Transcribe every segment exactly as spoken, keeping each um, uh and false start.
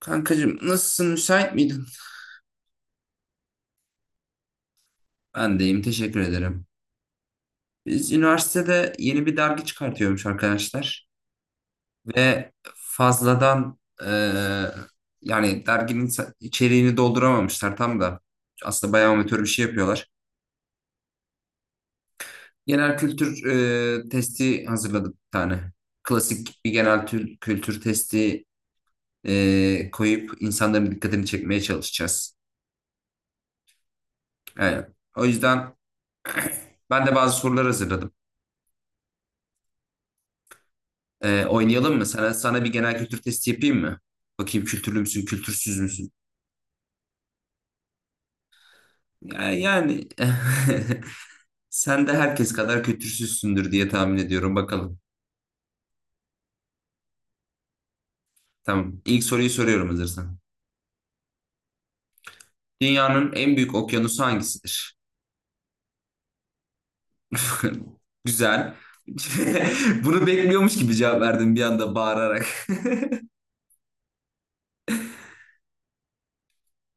Kankacığım nasılsın müsait miydin? Ben deyim teşekkür ederim. Biz üniversitede yeni bir dergi çıkartıyormuş arkadaşlar ve fazladan eee, yani derginin sa- içeriğini dolduramamışlar tam da aslında bayağı amatör bir şey yapıyorlar. Genel kültür eee, testi hazırladık bir tane. Klasik bir genel tür- kültür testi eee, koyup insanların dikkatini çekmeye çalışacağız. Yani, o yüzden ben de bazı sorular hazırladım. Ee, oynayalım mı? Sana, sana bir genel kültür testi yapayım mı? Bakayım kültürlü müsün, kültürsüz müsün? Ya- Yani sen de herkes kadar kültürsüzsündür diye tahmin ediyorum. Bakalım. Tamam. İlk soruyu soruyorum hazırsan. Dünyanın en büyük okyanusu hangisidir? Güzel. Bunu bekliyormuş gibi cevap verdim bir anda bağırarak.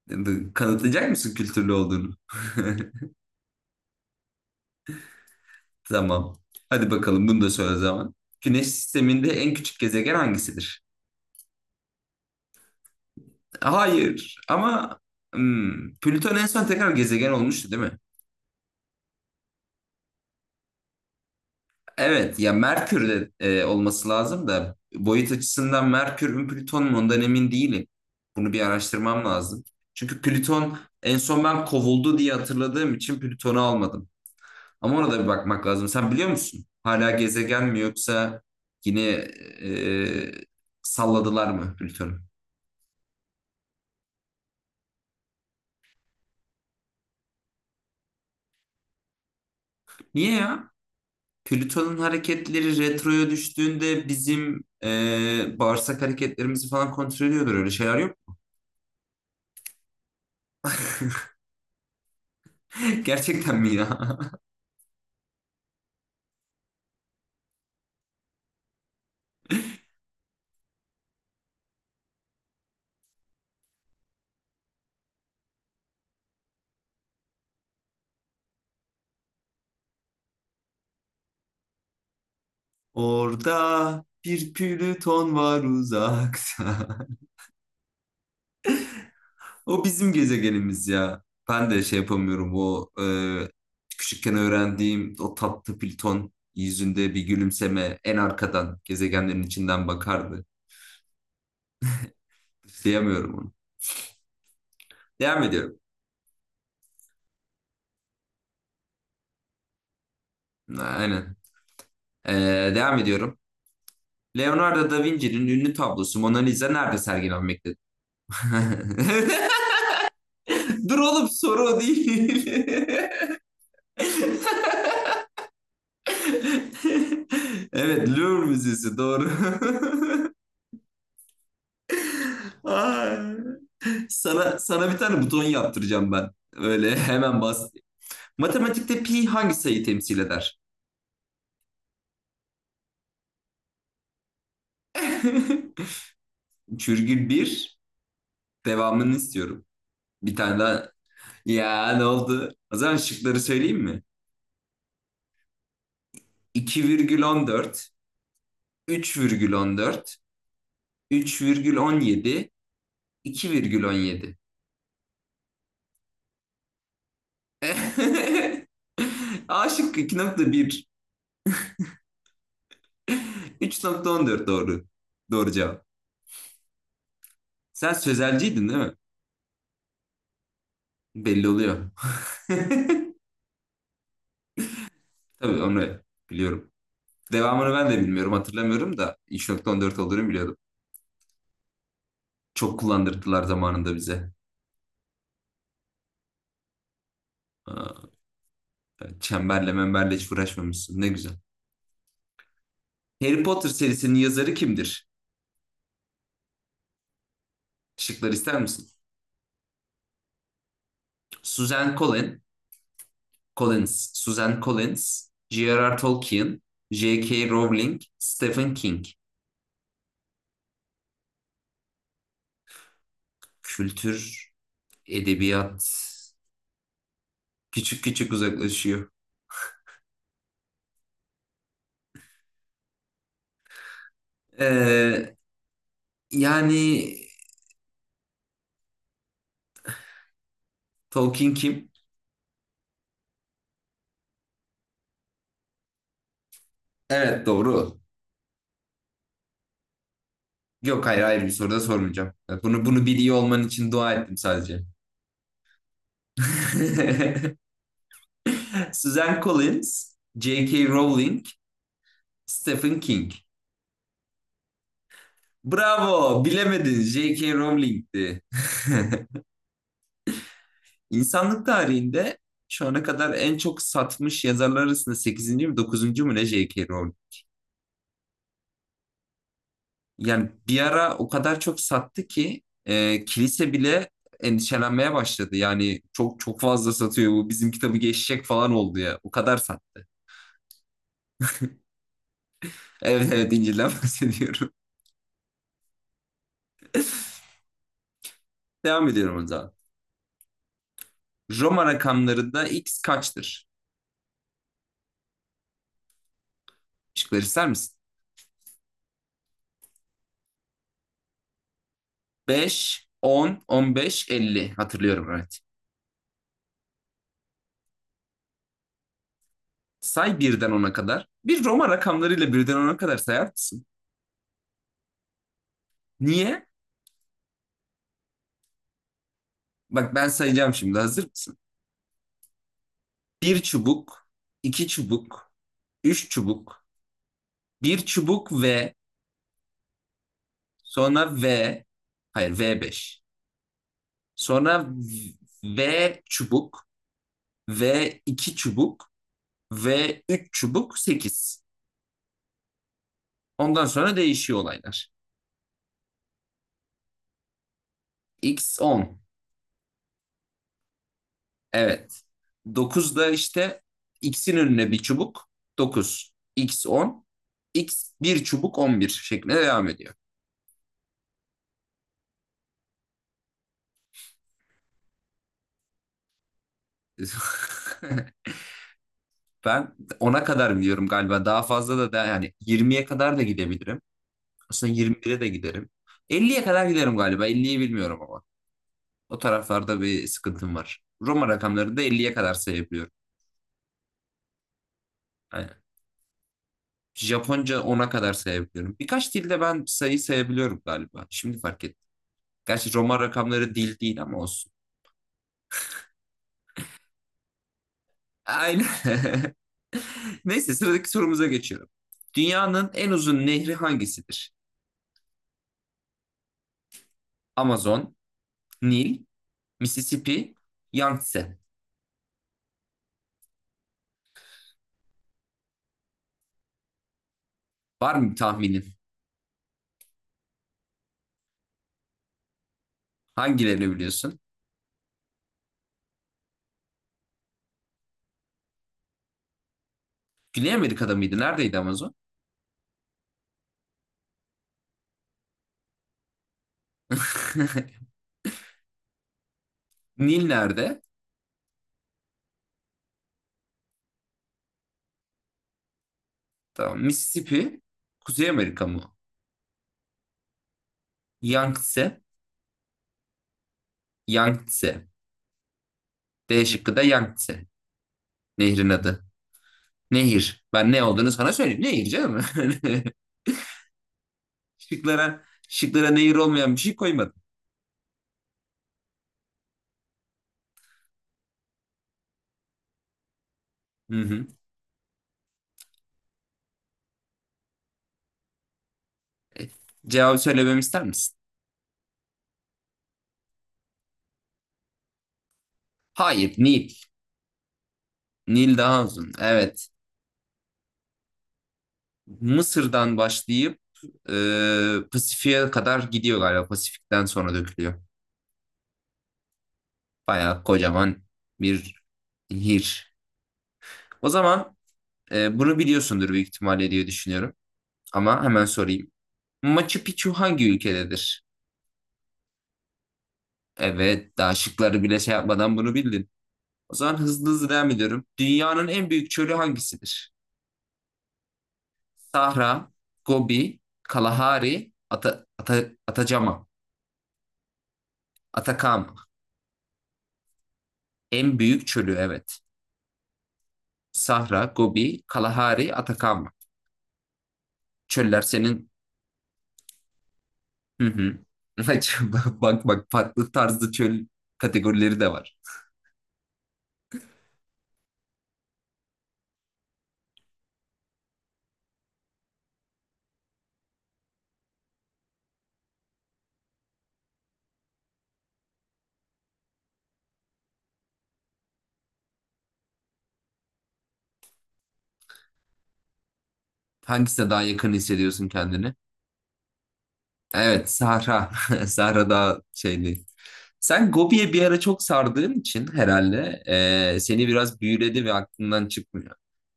Kanıtlayacak mısın kültürlü olduğunu? Tamam. Hadi bakalım bunu da söyle o zaman. Güneş sisteminde en küçük gezegen hangisidir? Hayır ama hmm, Plüton en son tekrar gezegen olmuştu değil mi? Evet ya Merkür'de e, olması lazım da boyut açısından Merkür mü Plüton mu ondan emin değilim. Bunu bir araştırmam lazım. Çünkü Plüton en son ben kovuldu diye hatırladığım için Plüton'u almadım. Ama ona da bir bakmak lazım. Sen biliyor musun? Hala gezegen mi yoksa yine e, salladılar mı Plüton'u? Niye ya? Plüton'un hareketleri retroya düştüğünde bizim e, bağırsak hareketlerimizi falan kontrol ediyordur. Öyle şeyler yok. Gerçekten mi ya? Orada bir Plüton var uzakta. O bizim gezegenimiz ya. Ben de şey yapamıyorum. O e, küçükken öğrendiğim o tatlı Plüton yüzünde bir gülümseme en arkadan gezegenlerin içinden bakardı. Diyemiyorum onu. Devam ediyorum. Aynen. E, devam ediyorum. Leonardo da Vinci'nin ünlü tablosu Mona Lisa nerede sergilenmektedir? Dur oğlum soru o değil. Evet, Louvre Müzesi doğru. Ay. Sana sana bir tane buton yaptıracağım ben. Öyle hemen bas. Matematikte pi hangi sayıyı temsil eder? Çürgül bir devamını istiyorum. Bir tane daha. Ya ne oldu? O zaman şıkları söyleyeyim mi? iki virgül on dört, üç virgül on dört, üç virgül on yedi, iki virgül on yedi. A şıkkı iki virgül bir, üç virgül on dört doğru. Doğru cevap. Sen sözelciydin değil mi? Belli oluyor. Tabii onu biliyorum. Devamını ben de bilmiyorum, hatırlamıyorum da üç virgül on dört olduğunu biliyordum. Çok kullandırdılar zamanında bize. Aa, evet, Çemberle memberle hiç uğraşmamışsın. Ne güzel. Harry Potter serisinin yazarı kimdir? Şıklar ister misin? Suzanne Collins, Collins, Suzanne Collins, J R R. Tolkien, J K. Rowling, Stephen King. Kültür, edebiyat küçük küçük uzaklaşıyor. Ee, yani Tolkien kim? Evet doğru. Yok, hayır hayır, bir soru da sormayacağım. Bunu bunu biliyor olman için dua ettim sadece. Suzanne Collins, J K. Rowling, Stephen King. Bravo, bilemedin. J K. Rowling'ti. İnsanlık tarihinde şu ana kadar en çok satmış yazarlar arasında sekizinci mi dokuzuncu mu ne J K. Rowling. Yani bir ara o kadar çok sattı ki e, kilise bile endişelenmeye başladı. Yani çok çok fazla satıyor, bu bizim kitabı geçecek falan oldu ya. O kadar sattı. Evet evet, İncil'den bahsediyorum. Devam ediyorum o zaman. Roma rakamlarında X kaçtır? Şıkları ister misin? Beş, on, on beş, elli. Hatırlıyorum evet. Say birden ona kadar. Bir Roma rakamlarıyla birden ona kadar sayar mısın? Niye? Bak ben sayacağım şimdi. Hazır mısın? Bir çubuk, iki çubuk, üç çubuk, bir çubuk ve sonra V, hayır v beş. Sonra V çubuk, V iki çubuk, V üç çubuk, sekiz. Ondan sonra değişiyor olaylar. X on. Evet. Dokuz da işte x'in önüne bir çubuk, dokuz x on, x bir çubuk on bir şeklinde devam ediyor. Ben ona kadar biliyorum galiba. Daha fazla da, da yani yirmiye kadar da gidebilirim. Aslında yirmi bire de giderim. Elliye kadar giderim galiba. elliyi bilmiyorum ama. O taraflarda bir sıkıntım var. Roma rakamları da Elliye kadar sayabiliyorum. Aynen. Japonca ona kadar sayabiliyorum. Birkaç dilde ben sayı sayabiliyorum galiba. Şimdi fark ettim. Gerçi Roma rakamları dil değil ama olsun. Aynen. Neyse sıradaki sorumuza geçiyorum. Dünyanın en uzun nehri hangisidir? Amazon, Nil, Mississippi, Yangtze. Var mı bir tahminin? Hangilerini biliyorsun? Güney Amerika'da mıydı? Neredeydi Amazon? Nil nerede? Tamam. Mississippi, Kuzey Amerika mı? Yangtze, Yangtze. D şıkkı da Yangtze. Nehrin adı. Nehir. Ben ne olduğunu sana söyleyeyim. Nehir canım. Şıklara, şıklara nehir olmayan bir şey koymadım. Hı hı. Cevabı söylememi ister misin? Hayır, Nil. Nil daha uzun. Evet. Mısır'dan başlayıp e, Pasifik'e kadar gidiyor galiba. Pasifik'ten sonra dökülüyor. Bayağı kocaman bir nehir. O zaman e, bunu biliyorsundur büyük ihtimalle diye düşünüyorum. Ama hemen sorayım. Machu Picchu hangi ülkededir? Evet, daha şıkları bile şey yapmadan bunu bildin. O zaman hızlı hızlı devam ediyorum. Dünyanın en büyük çölü hangisidir? Sahra, Gobi, Kalahari, Ata, Ata, Atacama, Atakama. En büyük çölü evet. Sahra, Gobi, Kalahari, Atakama. Çöller senin... Hı hı. Bak bak, farklı tarzda çöl kategorileri de var. Hangisine daha yakın hissediyorsun kendini? Evet, Sahra. Sahra daha şeyli. Sen Gobi'ye bir ara çok sardığın için herhalde eee, seni biraz büyüledi ve aklından çıkmıyor.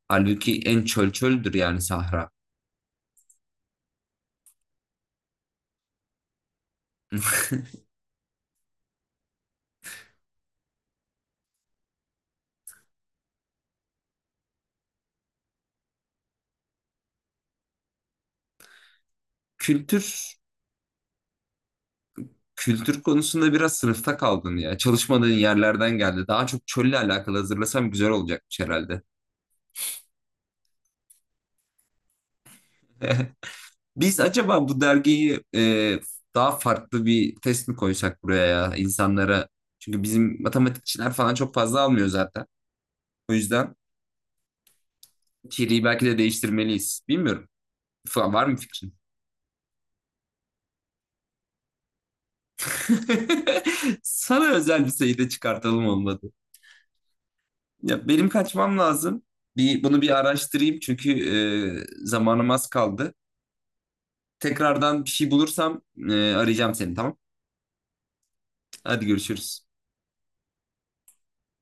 Halbuki en çöl çöldür, yani Sahra. Kültür, kültür konusunda biraz sınıfta kaldın ya. Çalışmadığın yerlerden geldi. Daha çok çölle alakalı hazırlasam güzel olacakmış herhalde. Biz acaba bu dergiyi e, daha farklı bir test mi koysak buraya ya insanlara? Çünkü bizim matematikçiler falan çok fazla almıyor zaten. O yüzden içeriği belki de değiştirmeliyiz. Bilmiyorum. Falan var mı fikrin? Sana özel bir sayıda çıkartalım olmadı. Ya benim kaçmam lazım. Bir bunu bir araştırayım çünkü e, zamanım az kaldı. Tekrardan bir şey bulursam e, arayacağım seni, tamam. Hadi görüşürüz.